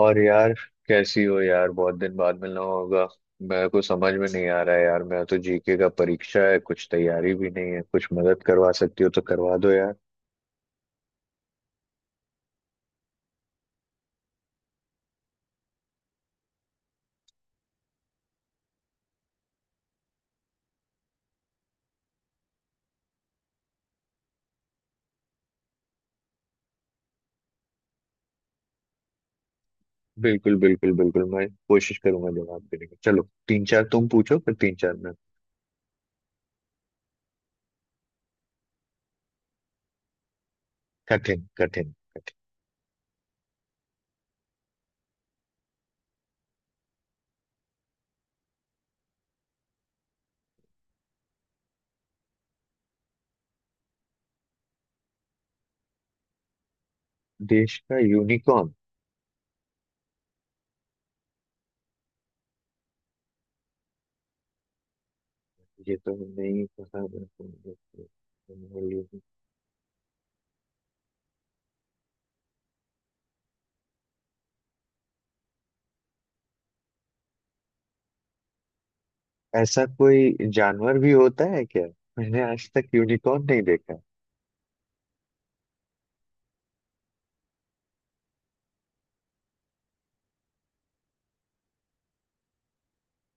और यार, कैसी हो यार? बहुत दिन बाद मिलना होगा। मेरे को समझ में नहीं आ रहा है यार, मैं तो जीके का परीक्षा है, कुछ तैयारी भी नहीं है। कुछ मदद करवा सकती हो तो करवा दो यार। बिल्कुल बिल्कुल बिल्कुल, मैं कोशिश करूंगा जवाब देने की। चलो तीन चार तुम पूछो, फिर तीन चार मैं। कठिन कठिन। कठिन। देश का यूनिकॉर्न? ये तो नहीं पता मेरे को। ऐसा कोई जानवर भी होता है क्या? मैंने आज तक यूनिकॉर्न नहीं देखा।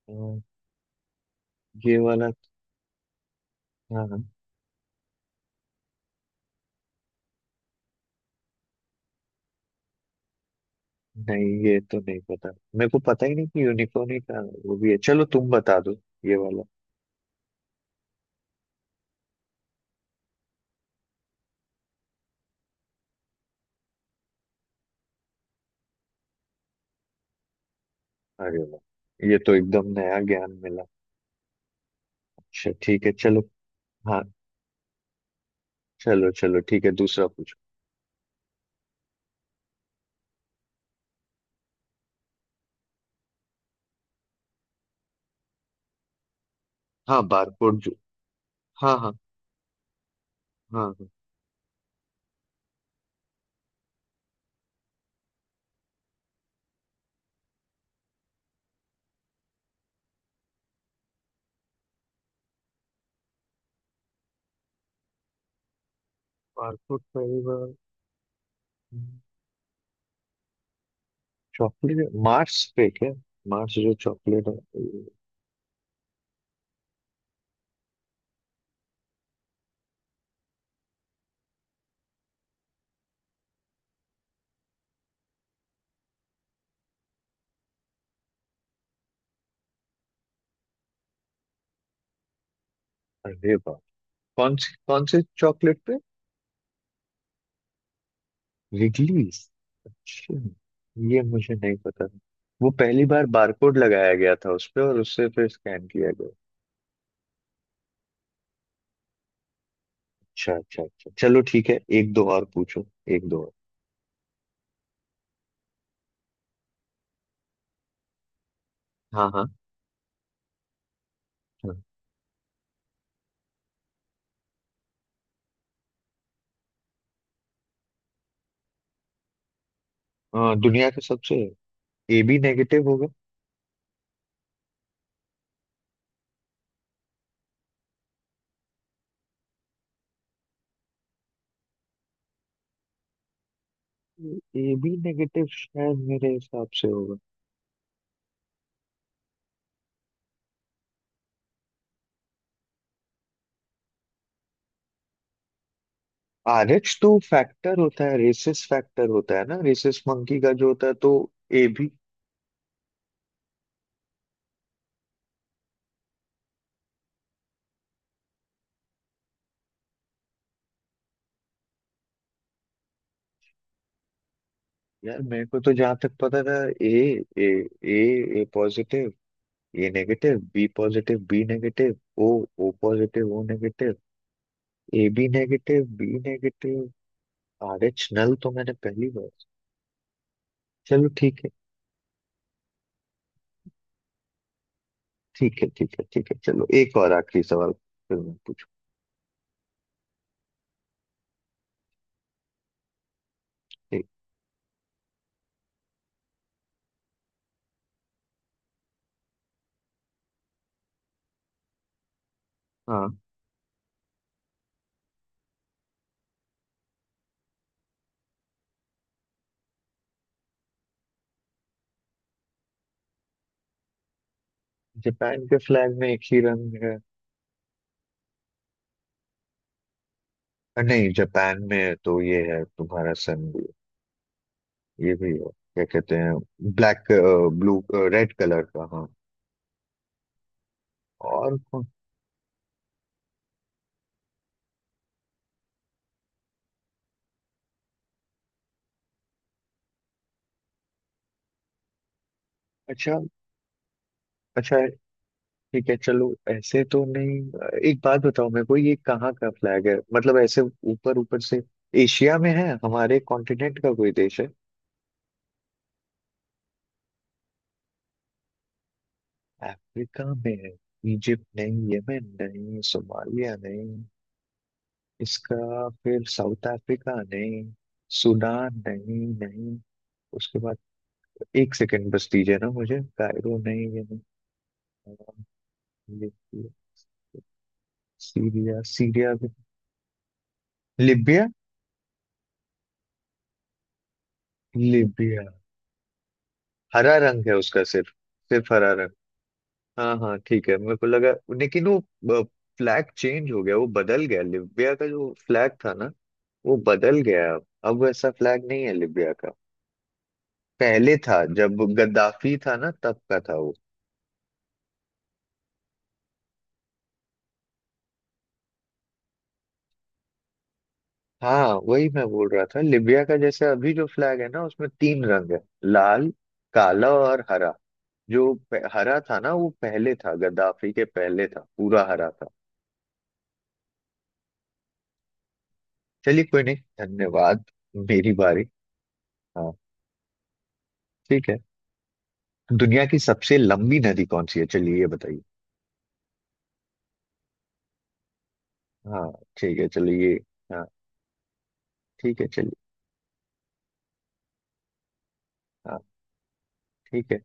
अ, ये वाला। हाँ, हाँ। नहीं, ये तो नहीं पता। मेरे को पता ही नहीं कि यूनिकॉर्न ही था। वो भी है, चलो तुम बता दो, ये वाला। अरे वाह, ये तो एकदम नया ज्ञान मिला। अच्छा ठीक है चलो। हाँ, चलो चलो ठीक है, दूसरा पूछो। हाँ, बारकोड जो। हाँ, हाँ। हाँ, हाँ। बारकोड पहली बार चॉकलेट मार्स पे क्या? मार्स जो चॉकलेट है। अरे वाह। कौन सी, कौन से चॉकलेट पे? रिलीज? अच्छा, ये मुझे नहीं पता था। वो पहली बार बारकोड लगाया गया था उस पे, और उससे फिर स्कैन किया गया। अच्छा अच्छा अच्छा, चलो ठीक है, एक दो और पूछो। एक दो और। हाँ, हाँ, हाँ। दुनिया का सबसे ए बी नेगेटिव होगा। ए बी नेगेटिव शायद, मेरे हिसाब से होगा। आर एच तो फैक्टर होता है, रेसिस फैक्टर होता है ना, रेसिस मंकी का जो होता है तो। A B. यार मेरे को तो जहां तक पता था, A A A A positive, ये negative, B positive, B negative, O, O positive, O negative, A B negative, B negative. R H null तो मैंने पहली बार। चलो ठीक है ठीक है ठीक है ठीक है, चलो एक और आखिरी सवाल, फिर मैं पूछूं एक। हाँ। जापान के फ्लैग में एक ही रंग है? नहीं, जापान में तो ये है तुम्हारा सन भी है, ये भी है, क्या कहते हैं, ब्लैक, ब्लू, रेड कलर का, हाँ। और कौन- अच्छा अच्छा ठीक है चलो, ऐसे तो नहीं। एक बात बताओ मेरे को, ये कहाँ का फ्लैग है, मतलब ऐसे ऊपर ऊपर से, एशिया में है हमारे कॉन्टिनेंट का? कोई देश है अफ्रीका में है? इजिप्ट नहीं, यमन नहीं, सोमालिया नहीं, इसका फिर साउथ अफ्रीका नहीं, सूडान नहीं नहीं, उसके बाद एक सेकंड बस दीजिए ना मुझे, कायरो नहीं, ये नहीं, लिबिया, सीरिया, सीरिया भी, लिबिया। लिबिया, हरा रंग है उसका, सिर्फ सिर्फ हरा रंग। हाँ हाँ ठीक है, मेरे को लगा, लेकिन वो फ्लैग चेंज हो गया, वो बदल गया। लिबिया का जो फ्लैग था ना, वो बदल गया है अब वैसा फ्लैग नहीं है लिबिया का। पहले था जब गद्दाफी था ना, तब का था वो। हाँ वही मैं बोल रहा था। लिबिया का जैसे अभी जो फ्लैग है ना, उसमें तीन रंग है, लाल, काला और हरा। जो हरा था ना, वो पहले था, गद्दाफी के पहले था, पूरा हरा था। चलिए, कोई नहीं, धन्यवाद। मेरी बारी। हाँ ठीक है। दुनिया की सबसे लंबी नदी कौन सी है, चलिए ये बताइए। हाँ, ठीक है चलिए ये। हाँ, ठीक है चलिए। हाँ ठीक है।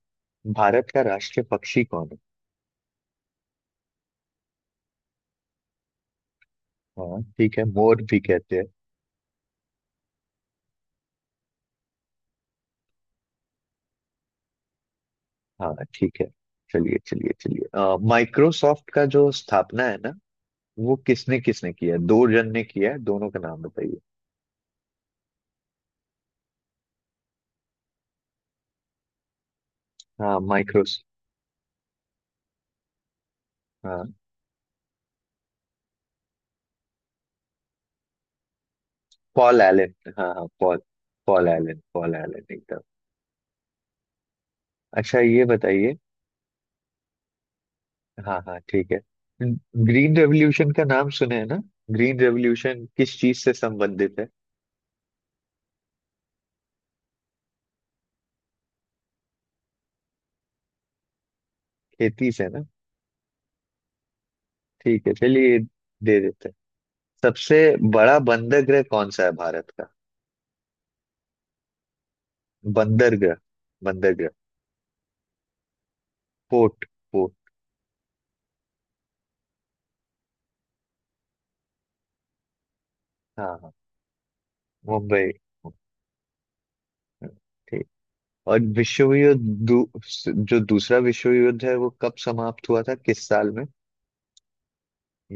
भारत का राष्ट्रीय पक्षी कौन है? हाँ ठीक है, मोर भी कहते हैं। हाँ ठीक है, चलिए चलिए चलिए। माइक्रोसॉफ्ट का जो स्थापना है ना, वो किसने किसने किया है? दो जन ने किया है, दोनों का नाम बताइए। हाँ, माइक्रोस। हाँ, पॉल एलन, हाँ हाँ Paul. Paul Allen, Paul Allen एकदम। अच्छा ये बताइए। हाँ हाँ ठीक है। ग्रीन रेवोल्यूशन का नाम सुने हैं ना? ग्रीन रेवोल्यूशन किस चीज से संबंधित है? खेती से ना। ठीक है चलिए, ये दे देते हैं। सबसे बड़ा बंदरगाह कौन सा है भारत का? बंदरगाह, बंदरगाह, पोर्ट, पोर्ट। हाँ हाँ, मुंबई। ठीक। और विश्व युद्ध, दू, जो दूसरा विश्व युद्ध है, वो कब समाप्त हुआ था, किस साल में,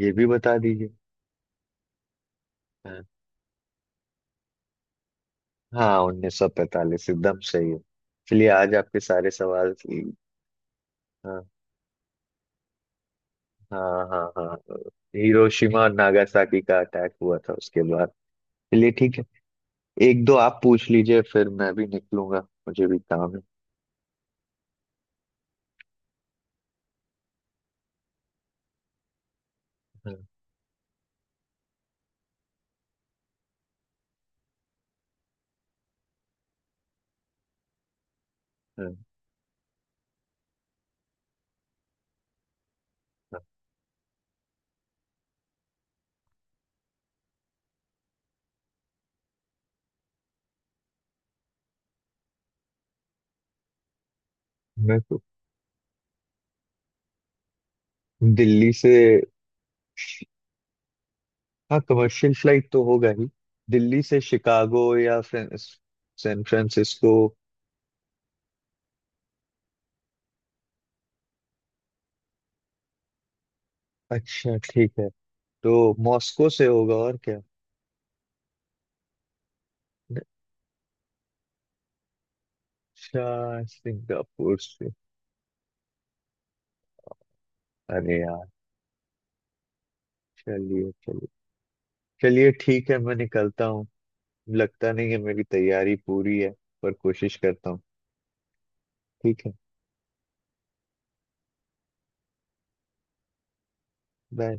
ये भी बता दीजिए। हाँ, हाँ, 1945 एकदम सही है। चलिए आज आपके सारे सवाल। हाँ हाँ हाँ। हाँ, हाँ। हिरोशिमा और नागासाकी का अटैक हुआ था उसके बाद। चलिए ठीक है। एक दो आप पूछ लीजिए, फिर मैं भी निकलूंगा, मुझे भी काम है। हाँ, हाँ, हाँ। मैं तो दिल्ली से, हाँ, कमर्शियल फ्लाइट तो होगा ही। दिल्ली से शिकागो, या सैन फ्रांसिस्को। अच्छा ठीक है, तो मॉस्को से होगा, और क्या? अच्छा, सिंगापुर से? अरे यार! चलिए चलिए, चलिए ठीक है मैं निकलता हूँ। लगता नहीं है मेरी तैयारी पूरी है, पर कोशिश करता हूँ। ठीक है, बाय।